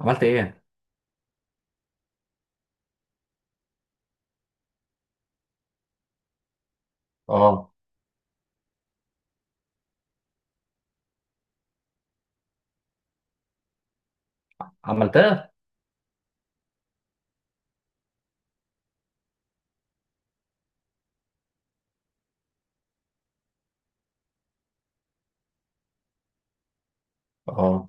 عملت ايه؟ اه. عملتها. اه،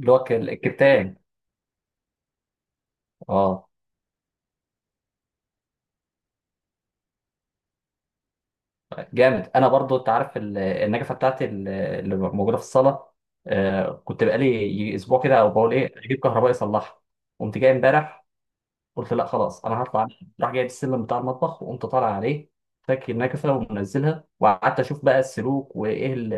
اللي هو الكتان. اه، جامد. انا برضو انت عارف النجفه بتاعتي اللي موجوده في الصاله. كنت بقالي اسبوع كده، او بقول ايه اجيب كهربائي يصلحها. قمت جاي امبارح، قلت لا خلاص انا هطلع أنام. راح جايب السلم بتاع المطبخ وقمت طالع عليه، فك النكفه ومنزلها، وقعدت اشوف بقى السلوك وايه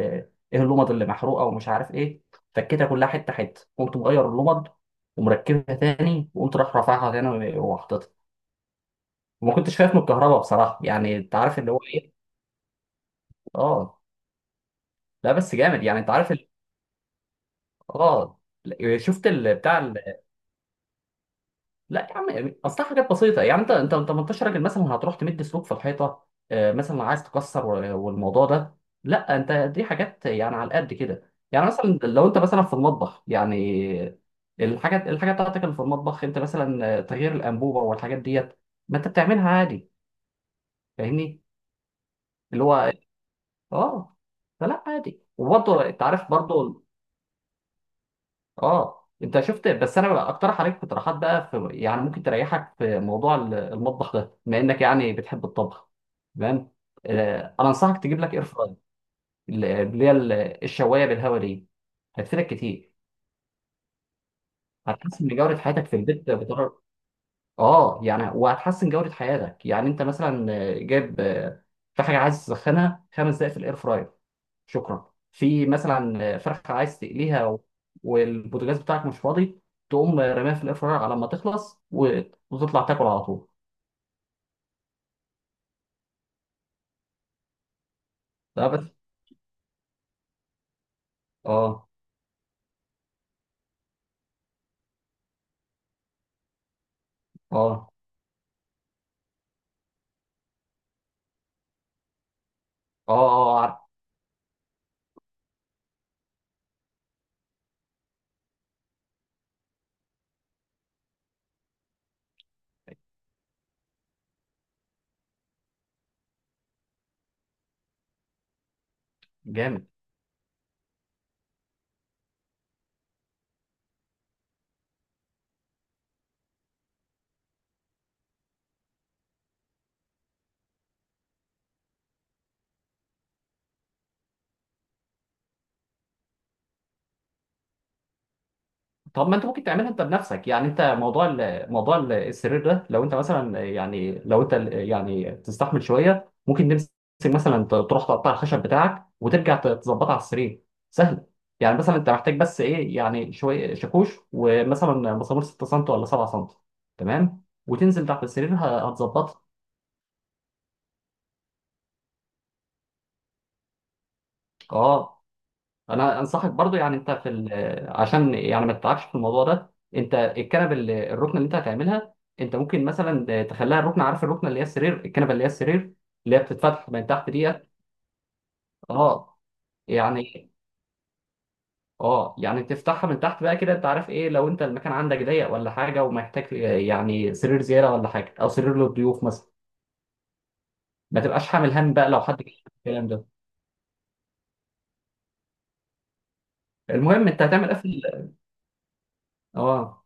ايه اللمض اللي محروقه ومش عارف ايه. فكيتها كلها حته حته، قمت مغير اللمض ومركبها تاني، وقمت راح رافعها تاني وحاططها. وما كنتش خايف من الكهرباء بصراحه، يعني انت عارف اللي هو ايه. اه، لا بس جامد، يعني انت عارف اه لا، شفت بتاع. لا يا عم، يعني اصل حاجات بسيطه، يعني انت 18 راجل مثلا هتروح تمد سلوك في الحيطه، مثلا عايز تكسر والموضوع ده. لا انت دي حاجات يعني على قد كده، يعني مثلا لو انت مثلا في المطبخ يعني الحاجات بتاعتك اللي في المطبخ، انت مثلا تغيير الانبوبه والحاجات ديت، ما انت بتعملها عادي. فاهمني؟ اللي هو. اه، فلا عادي، وبرضه انت عارف برضه. اه، انت شفت، بس انا بقى اقترح عليك اقتراحات بقى، في يعني ممكن تريحك في موضوع المطبخ ده بما انك يعني بتحب الطبخ. تمام. انا انصحك تجيب لك اير فراير، اللي هي الشوايه بالهواء دي. هتفيدك كتير، هتحسن من جوده حياتك في البيت بطريقه. اه يعني، وهتحسن جوده حياتك، يعني انت مثلا جايب في حاجه عايز تسخنها 5 دقائق في الاير فراير، شكرا، في مثلا فرخة عايز تقليها والبوتاجاز بتاعك مش فاضي، تقوم رميها في الاير فراير على ما تخلص وتطلع تاكل على طول. ده بس. اه. اه. اه. اه عارف. جامد. طب ما انت ممكن تعملها انت بنفسك، يعني انت موضوع موضوع السرير ده لو انت مثلا، يعني لو انت يعني تستحمل شويه، ممكن تمسك مثلا تروح تقطع الخشب بتاعك وترجع تظبطها على السرير. سهل، يعني مثلا انت محتاج بس ايه، يعني شويه شاكوش ومثلا مسامير 6 سم ولا 7 سم، تمام، وتنزل تحت السرير هتظبطها. اه، انا انصحك برضو، يعني انت في عشان يعني ما تتعبش في الموضوع ده، انت الكنبه الركنه اللي انت هتعملها، انت ممكن مثلا تخليها الركنه، عارف الركنه اللي هي السرير، الكنبه اللي هي السرير اللي هي بتتفتح من تحت ديت. اه يعني، اه يعني تفتحها من تحت بقى كده، انت عارف ايه، لو انت المكان عندك ضيق ولا حاجه ومحتاج يعني سرير زياده ولا حاجه، او سرير للضيوف مثلا، ما تبقاش حامل هم بقى لو حد جه، الكلام ده. المهم انت هتعمل ايه في اه،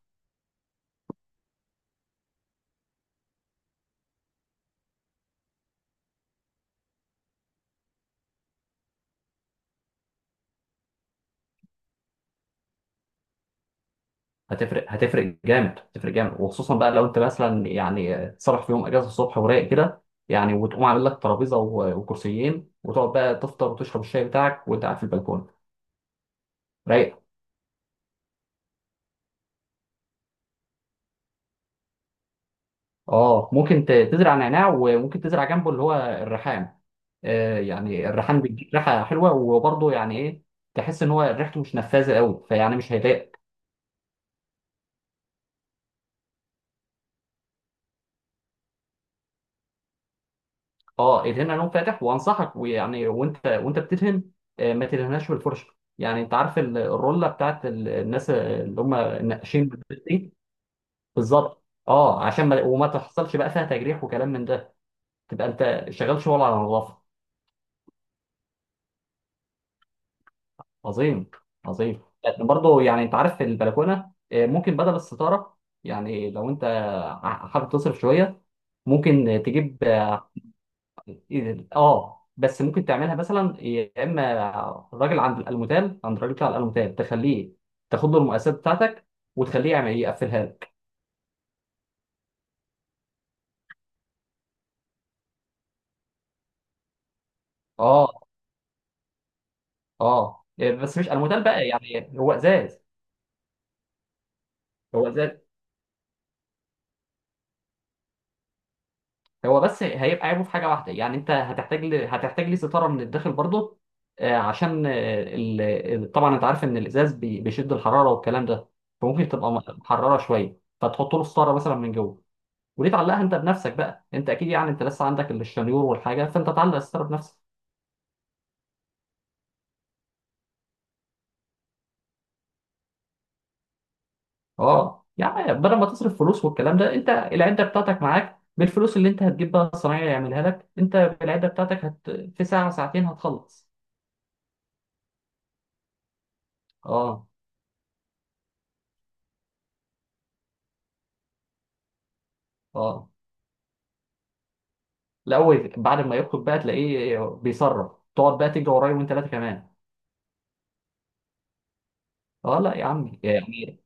هتفرق، هتفرق جامد، هتفرق جامد، وخصوصا بقى لو انت مثلا يعني صرف في يوم اجازه الصبح ورايق كده، يعني وتقوم عامل لك ترابيزه وكرسيين وتقعد بقى تفطر وتشرب الشاي بتاعك وانت قاعد في البلكونه. رايق. اه، ممكن تزرع نعناع، وممكن تزرع جنبه اللي هو الريحان. آه يعني الريحان بيديك ريحه حلوه، وبرضه يعني ايه، تحس ان هو ريحته مش نفاذه قوي، فيعني مش هيضايقك. اه، ادهنها لون فاتح، وانصحك ويعني وانت بتدهن، ما تدهنهاش بالفرشه، يعني انت عارف الروله بتاعت الناس اللي هم النقاشين دي. بالظبط، اه، عشان ما تحصلش بقى فيها تجريح وكلام من ده، تبقى انت شغال شغل على نظافه. عظيم. عظيم، لكن برضه يعني انت عارف في البلكونه، ممكن بدل الستاره، يعني لو انت حابب تصرف شويه، ممكن تجيب اه بس ممكن تعملها مثلا يا اما الراجل عند الالموتال، عند الراجل بتاع الالموتال، تخليه تاخد له المقاسات بتاعتك وتخليه يعمل يقفلها لك. اه، اه، بس مش الموتال بقى، يعني هو ازاز. هو ازاز، هو بس هيبقى عيبه في حاجه واحده، يعني انت هتحتاج ليه ستاره من الداخل برضه، عشان طبعا انت عارف ان الازاز بيشد الحراره والكلام ده، فممكن تبقى محرره شويه، فتحط له ستاره مثلا من جوه. وليه تعلقها انت بنفسك بقى؟ انت اكيد، يعني انت لسه عندك الشنيور والحاجه، فانت تعلق الستاره بنفسك. اه، يعني بدل ما تصرف فلوس والكلام ده، انت العده بتاعتك معاك، بالفلوس اللي انت هتجيب بقى الصنايعي يعملها لك، انت بالعده بتاعتك في ساعه ساعتين هتخلص. اه. اه، لا هو بعد ما يخطب بقى تلاقيه بيصرف، تقعد بقى تجري ورايا وانت ثلاثه كمان. اه، لا يا عمي، يعني.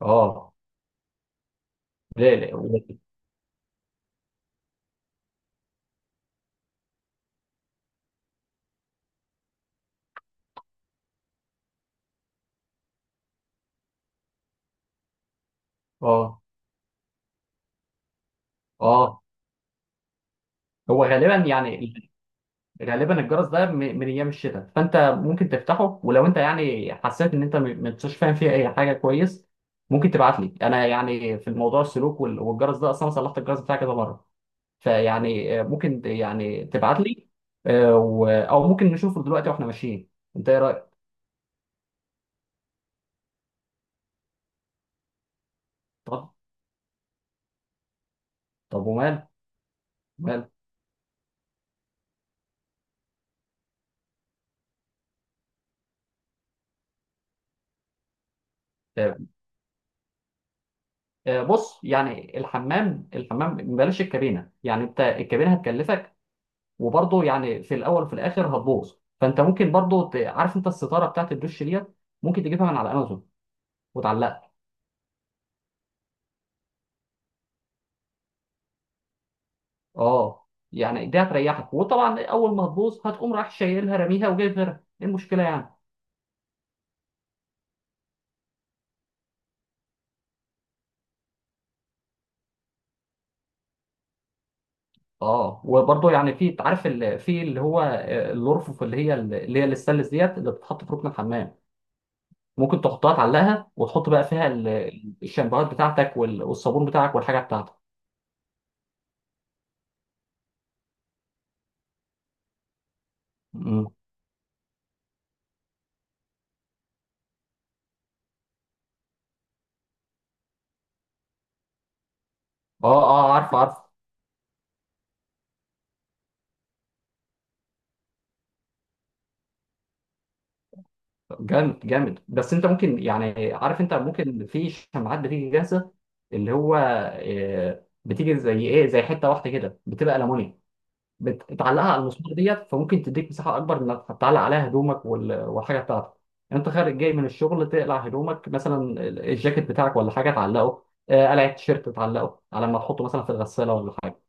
اه. لا لا. اه. اه، هو غالبا يعني، غالبا الجرس ده من ايام الشتاء، فانت ممكن تفتحه، ولو انت يعني حسيت ان انت ما انتش فاهم فيه اي حاجه كويس، ممكن تبعت لي انا، يعني في الموضوع السلوك والجرس ده، اصلا صلحت الجرس بتاعي كذا مره. فيعني ممكن يعني تبعت لي، او ممكن نشوفه دلوقتي واحنا ماشيين. انت ايه رايك؟ طب، طب ومال، مال. بص، يعني الحمام، بلاش الكابينه، يعني انت الكابينه هتكلفك، وبرضه يعني في الاول وفي الاخر هتبوظ، فانت ممكن برضه عارف انت الستاره بتاعت الدش ديت، ممكن تجيبها من على امازون وتعلقها. اه، يعني دي هتريحك، وطبعا اول ما هتبوظ هتقوم رايح شايلها راميها وجايب غيرها، ايه المشكله يعني؟ اه، وبرضه يعني في، عارف في اللي هو الأرفف اللي هي الستانلس ديت اللي بتتحط في ركن الحمام، ممكن تحطها تعلقها وتحط بقى فيها الشامبوهات بتاعتك والصابون بتاعك والحاجه بتاعتك. مم. اه اه عارف عارف. جامد جامد، بس انت ممكن، يعني عارف، انت ممكن في شماعات بتيجي جاهزه، اللي هو بتيجي زي ايه، زي حته واحده كده بتبقى الومنيوم، بتعلقها على المسمار ديت، فممكن تديك مساحه اكبر انك تعلق عليها هدومك والحاجه بتاعتك. انت خارج جاي من الشغل تقلع هدومك مثلا، الجاكيت بتاعك ولا حاجه تعلقه، قلع التيشيرت تعلقه على ما تحطه مثلا في الغساله ولا حاجه.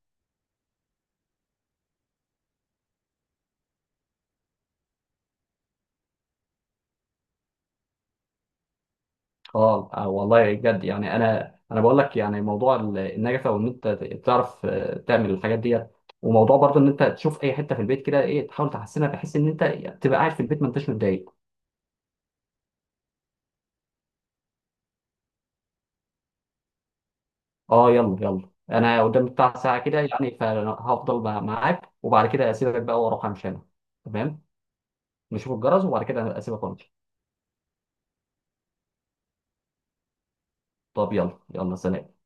اه، والله بجد، يعني انا بقول لك، يعني موضوع النجفه وان انت تعرف تعمل الحاجات ديت، وموضوع برضه ان انت تشوف اي حته في البيت كده، ايه، تحاول تحسنها بحيث ان انت تبقى قاعد في البيت ما انتش متضايق. اه، يلا يلا، انا قدام بتاع ساعه كده يعني، فهفضل معاك وبعد كده اسيبك بقى واروح امشي انا. تمام، نشوف الجرس وبعد كده اسيبك وامشي. طب يلا يلا، سلام.